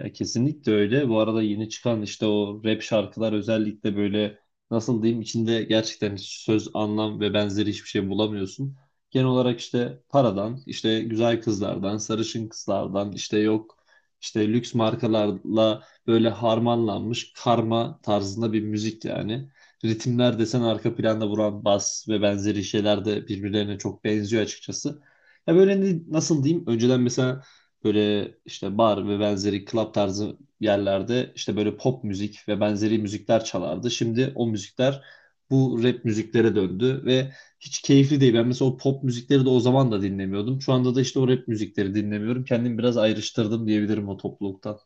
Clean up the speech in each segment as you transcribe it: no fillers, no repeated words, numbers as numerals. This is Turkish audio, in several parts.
Ya kesinlikle öyle. Bu arada yeni çıkan işte o rap şarkılar özellikle böyle nasıl diyeyim içinde gerçekten hiç söz, anlam ve benzeri hiçbir şey bulamıyorsun. Genel olarak işte paradan, işte güzel kızlardan, sarışın kızlardan, işte yok işte lüks markalarla böyle harmanlanmış karma tarzında bir müzik yani. Ritimler desen arka planda vuran bas ve benzeri şeyler de birbirlerine çok benziyor açıkçası. Ya böyle nasıl diyeyim? Önceden mesela böyle işte bar ve benzeri club tarzı yerlerde işte böyle pop müzik ve benzeri müzikler çalardı. Şimdi o müzikler bu rap müziklere döndü ve hiç keyifli değil. Ben mesela o pop müzikleri de o zaman da dinlemiyordum. Şu anda da işte o rap müzikleri dinlemiyorum. Kendimi biraz ayrıştırdım diyebilirim o topluluktan.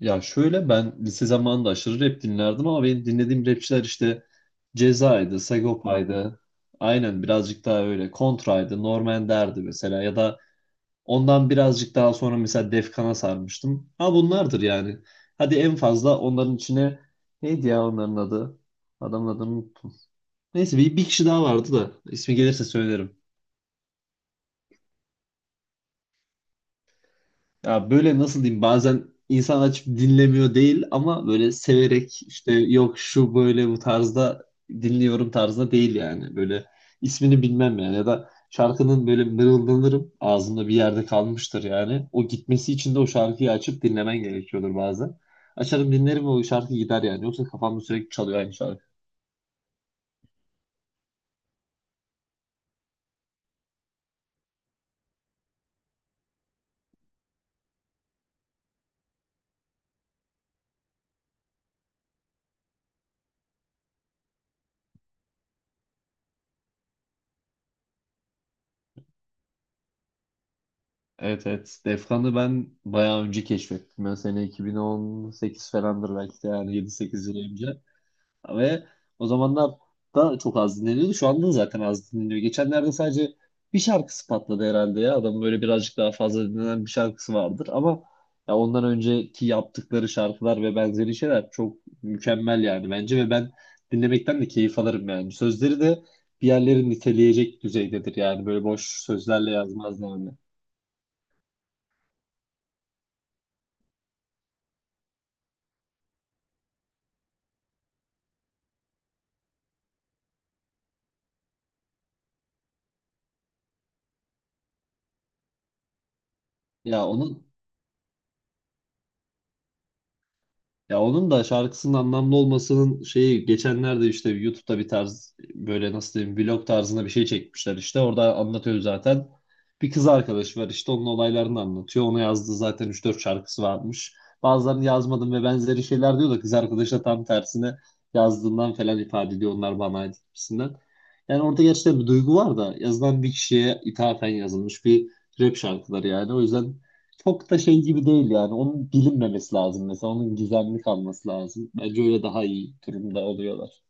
Ya şöyle ben lise zamanında aşırı rap dinlerdim ama benim dinlediğim rapçiler işte Ceza'ydı, Sagopa'ydı. Aynen birazcık daha öyle. Kontra'ydı, Norm Ender'di mesela ya da ondan birazcık daha sonra mesela Defkan'a sarmıştım. Ha bunlardır yani. Hadi en fazla onların içine neydi ya onların adı? Adamın adını unuttum. Neyse bir kişi daha vardı da ismi gelirse söylerim. Ya böyle nasıl diyeyim bazen insan açıp dinlemiyor değil ama böyle severek işte yok şu böyle bu tarzda dinliyorum tarzda değil yani. Böyle ismini bilmem yani ya da şarkının böyle mırıldanırım ağzımda bir yerde kalmıştır yani. O gitmesi için de o şarkıyı açıp dinlemen gerekiyordur bazen. Açarım dinlerim ve o şarkı gider yani. Yoksa kafamda sürekli çalıyor aynı şarkı. Evet, evet. Defkan'ı ben bayağı önce keşfettim. Ben sene 2018 falandır belki de yani 7-8 yıl önce. Ve o zamanlar da çok az dinleniyordu. Şu anda da zaten az dinleniyor. Geçenlerde sadece bir şarkısı patladı herhalde ya. Adamın böyle birazcık daha fazla dinlenen bir şarkısı vardır. Ama ya ondan önceki yaptıkları şarkılar ve benzeri şeyler çok mükemmel yani bence. Ve ben dinlemekten de keyif alırım yani. Sözleri de bir yerleri niteleyecek düzeydedir yani. Böyle boş sözlerle yazmaz yani. Ya onun Ya onun da şarkısının anlamlı olmasının şeyi geçenlerde işte YouTube'da bir tarz böyle nasıl diyeyim vlog tarzında bir şey çekmişler işte orada anlatıyor zaten. Bir kız arkadaşı var işte onun olaylarını anlatıyor. Ona yazdığı zaten 3-4 şarkısı varmış. Bazılarını yazmadım ve benzeri şeyler diyor da kız arkadaşı da tam tersine yazdığından falan ifade ediyor onlar bana ait gibisinden. Yani orada gerçekten bir duygu var da yazılan bir kişiye ithafen yazılmış bir rap şarkıları yani. O yüzden çok da şey gibi değil yani. Onun bilinmemesi lazım mesela. Onun gizemli kalması lazım. Bence öyle daha iyi durumda oluyorlar.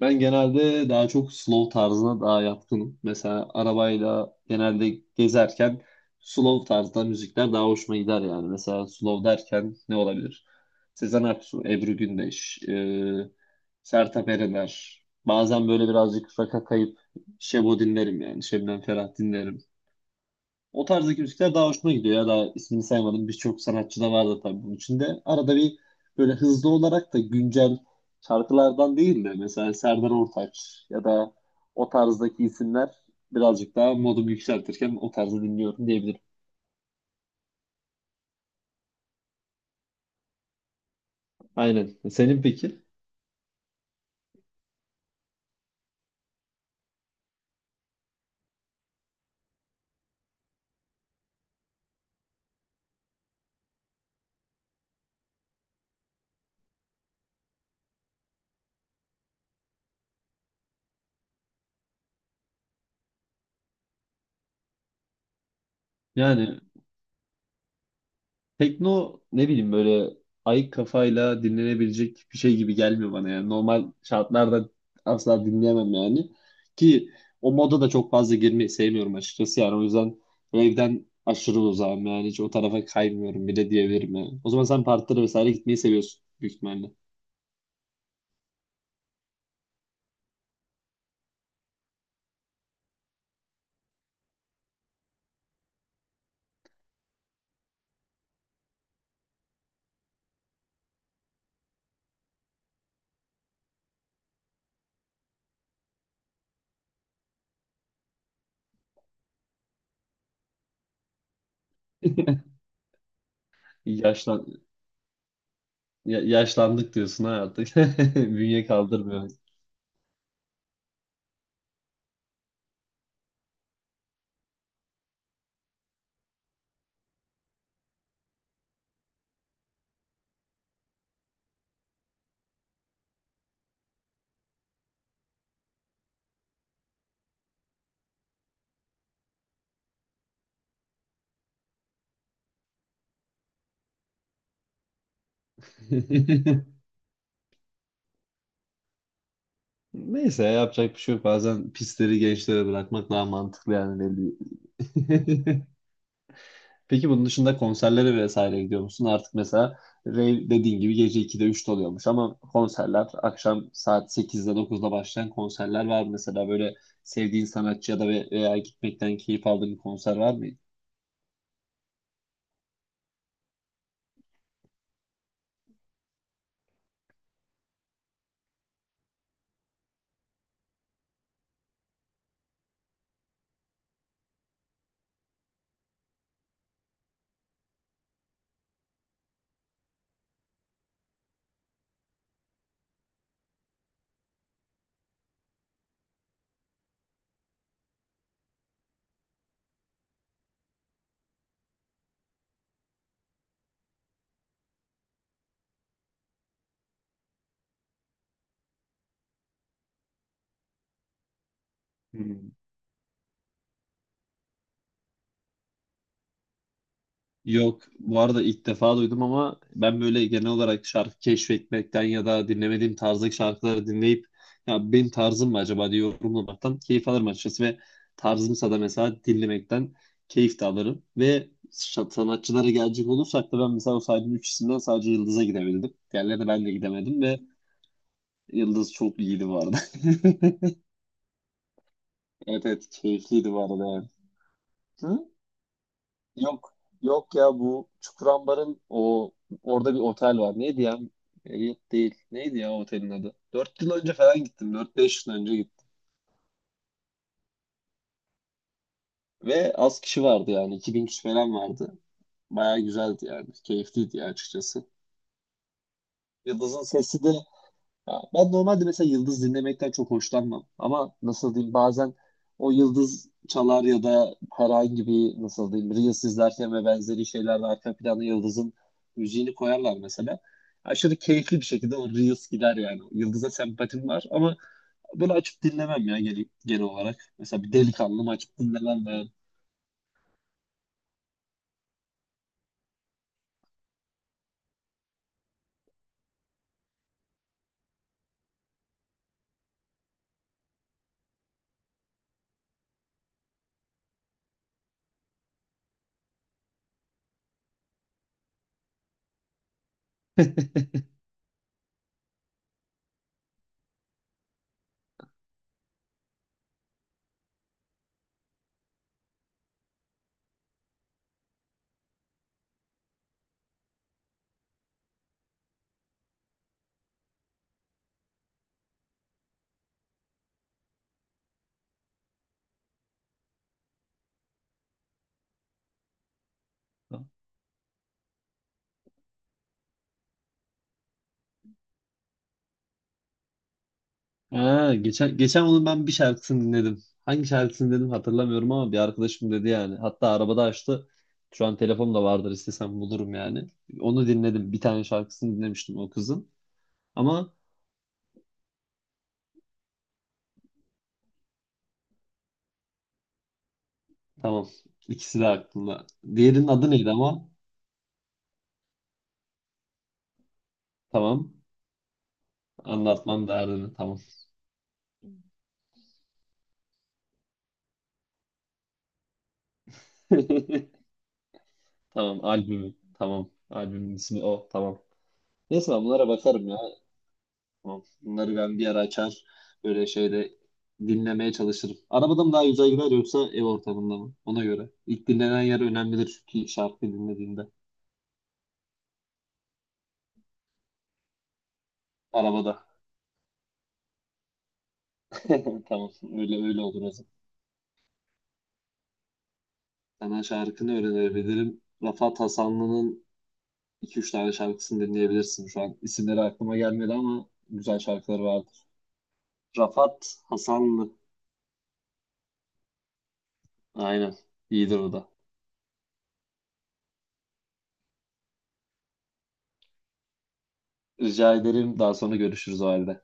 Ben genelde daha çok slow tarzına daha yatkınım. Mesela arabayla genelde gezerken slow tarzda müzikler daha hoşuma gider yani. Mesela slow derken ne olabilir? Sezen Aksu, Ebru Gündeş, Sertab Erener. Bazen böyle birazcık rock'a kayıp Şebo dinlerim yani. Şebnem Ferah dinlerim. O tarzdaki müzikler daha hoşuma gidiyor ya. Daha ismini saymadım. Birçok sanatçı da vardı tabii bunun içinde. Arada bir böyle hızlı olarak da güncel şarkılardan değil de mesela Serdar Ortaç ya da o tarzdaki isimler birazcık daha modumu yükseltirken o tarzı dinliyorum diyebilirim. Aynen. Senin peki? Yani tekno ne bileyim böyle ayık kafayla dinlenebilecek bir şey gibi gelmiyor bana yani. Normal şartlarda asla dinleyemem yani. Ki o moda da çok fazla girmeyi sevmiyorum açıkçası yani. O yüzden evden aşırı uzağım yani. Hiç o tarafa kaymıyorum bile diyebilirim yani. O zaman sen partilere vesaire gitmeyi seviyorsun büyük ihtimalle. Yaşlan yaşlandık diyorsun ha artık. Bünye kaldırmıyor. Neyse yapacak bir şey yok. Bazen pisleri gençlere bırakmak daha mantıklı yani belli. Peki bunun dışında konserlere vesaire gidiyor musun? Artık mesela rave dediğin gibi gece 2'de üçte oluyormuş ama konserler akşam saat 8'de 9'da başlayan konserler var mı? Mesela böyle sevdiğin sanatçı ya da veya gitmekten keyif aldığın bir konser var mı? Hmm. Yok, bu arada ilk defa duydum ama ben böyle genel olarak şarkı keşfetmekten ya da dinlemediğim tarzdaki şarkıları dinleyip ya benim tarzım mı acaba diye yorumlamaktan keyif alırım açıkçası ve tarzımsa da mesela dinlemekten keyif de alırım. Ve sanatçılara gelecek olursak da ben mesela o saydığım üç isimden sadece Yıldız'a gidebildim. Diğerlerine ben de gidemedim ve Yıldız çok iyiydi bu arada. Evet, evet, keyifliydi bu arada yani. Hı? Yok, yok ya bu Çukurambar'ın o orada bir otel var. Neydi ya? Elliot değil. Neydi ya otelin adı? 4 yıl önce falan gittim. 4-5 yıl önce gittim. Ve az kişi vardı yani. 2.000 kişi falan vardı. Bayağı güzeldi yani. Keyifliydi ya açıkçası. Yıldız'ın sesi de, ya ben normalde mesela yıldız dinlemekten çok hoşlanmam. Ama nasıl diyeyim bazen o yıldız çalar ya da herhangi bir nasıl diyeyim Reels izlerken ve benzeri şeylerde arka plana yıldızın müziğini koyarlar mesela. Aşırı keyifli bir şekilde o Reels gider yani. Yıldız'a sempatim var ama böyle açıp dinlemem ya genel olarak. Mesela bir delikanlım açıp dinlemem ben. Ha, geçen onun ben bir şarkısını dinledim. Hangi şarkısını dedim hatırlamıyorum ama bir arkadaşım dedi yani. Hatta arabada açtı. Şu an telefonumda vardır istesem bulurum yani. Onu dinledim. Bir tane şarkısını dinlemiştim o kızın. Ama tamam. ikisi de aklımda. Diğerinin adı neydi ama? Tamam. Anlatmam derdini. Tamam. Tamam, albümü. Tamam. Albümün ismi o. Tamam. Neyse ben bunlara bakarım ya. Tamam. Bunları ben bir ara açar böyle şeyde dinlemeye çalışırım. Arabada mı daha güzel gider yoksa ev ortamında mı? Ona göre. İlk dinlenen yer önemlidir çünkü şarkı dinlediğinde. Arabada. Tamam. Öyle öyle olur o zaman. Sana şarkını öğrenebilirim. Rafat Hasanlı'nın 2-3 tane şarkısını dinleyebilirsin şu an. İsimleri aklıma gelmedi ama güzel şarkıları vardır. Rafat Hasanlı. Aynen. İyidir o da. Rica ederim. Daha sonra görüşürüz o halde.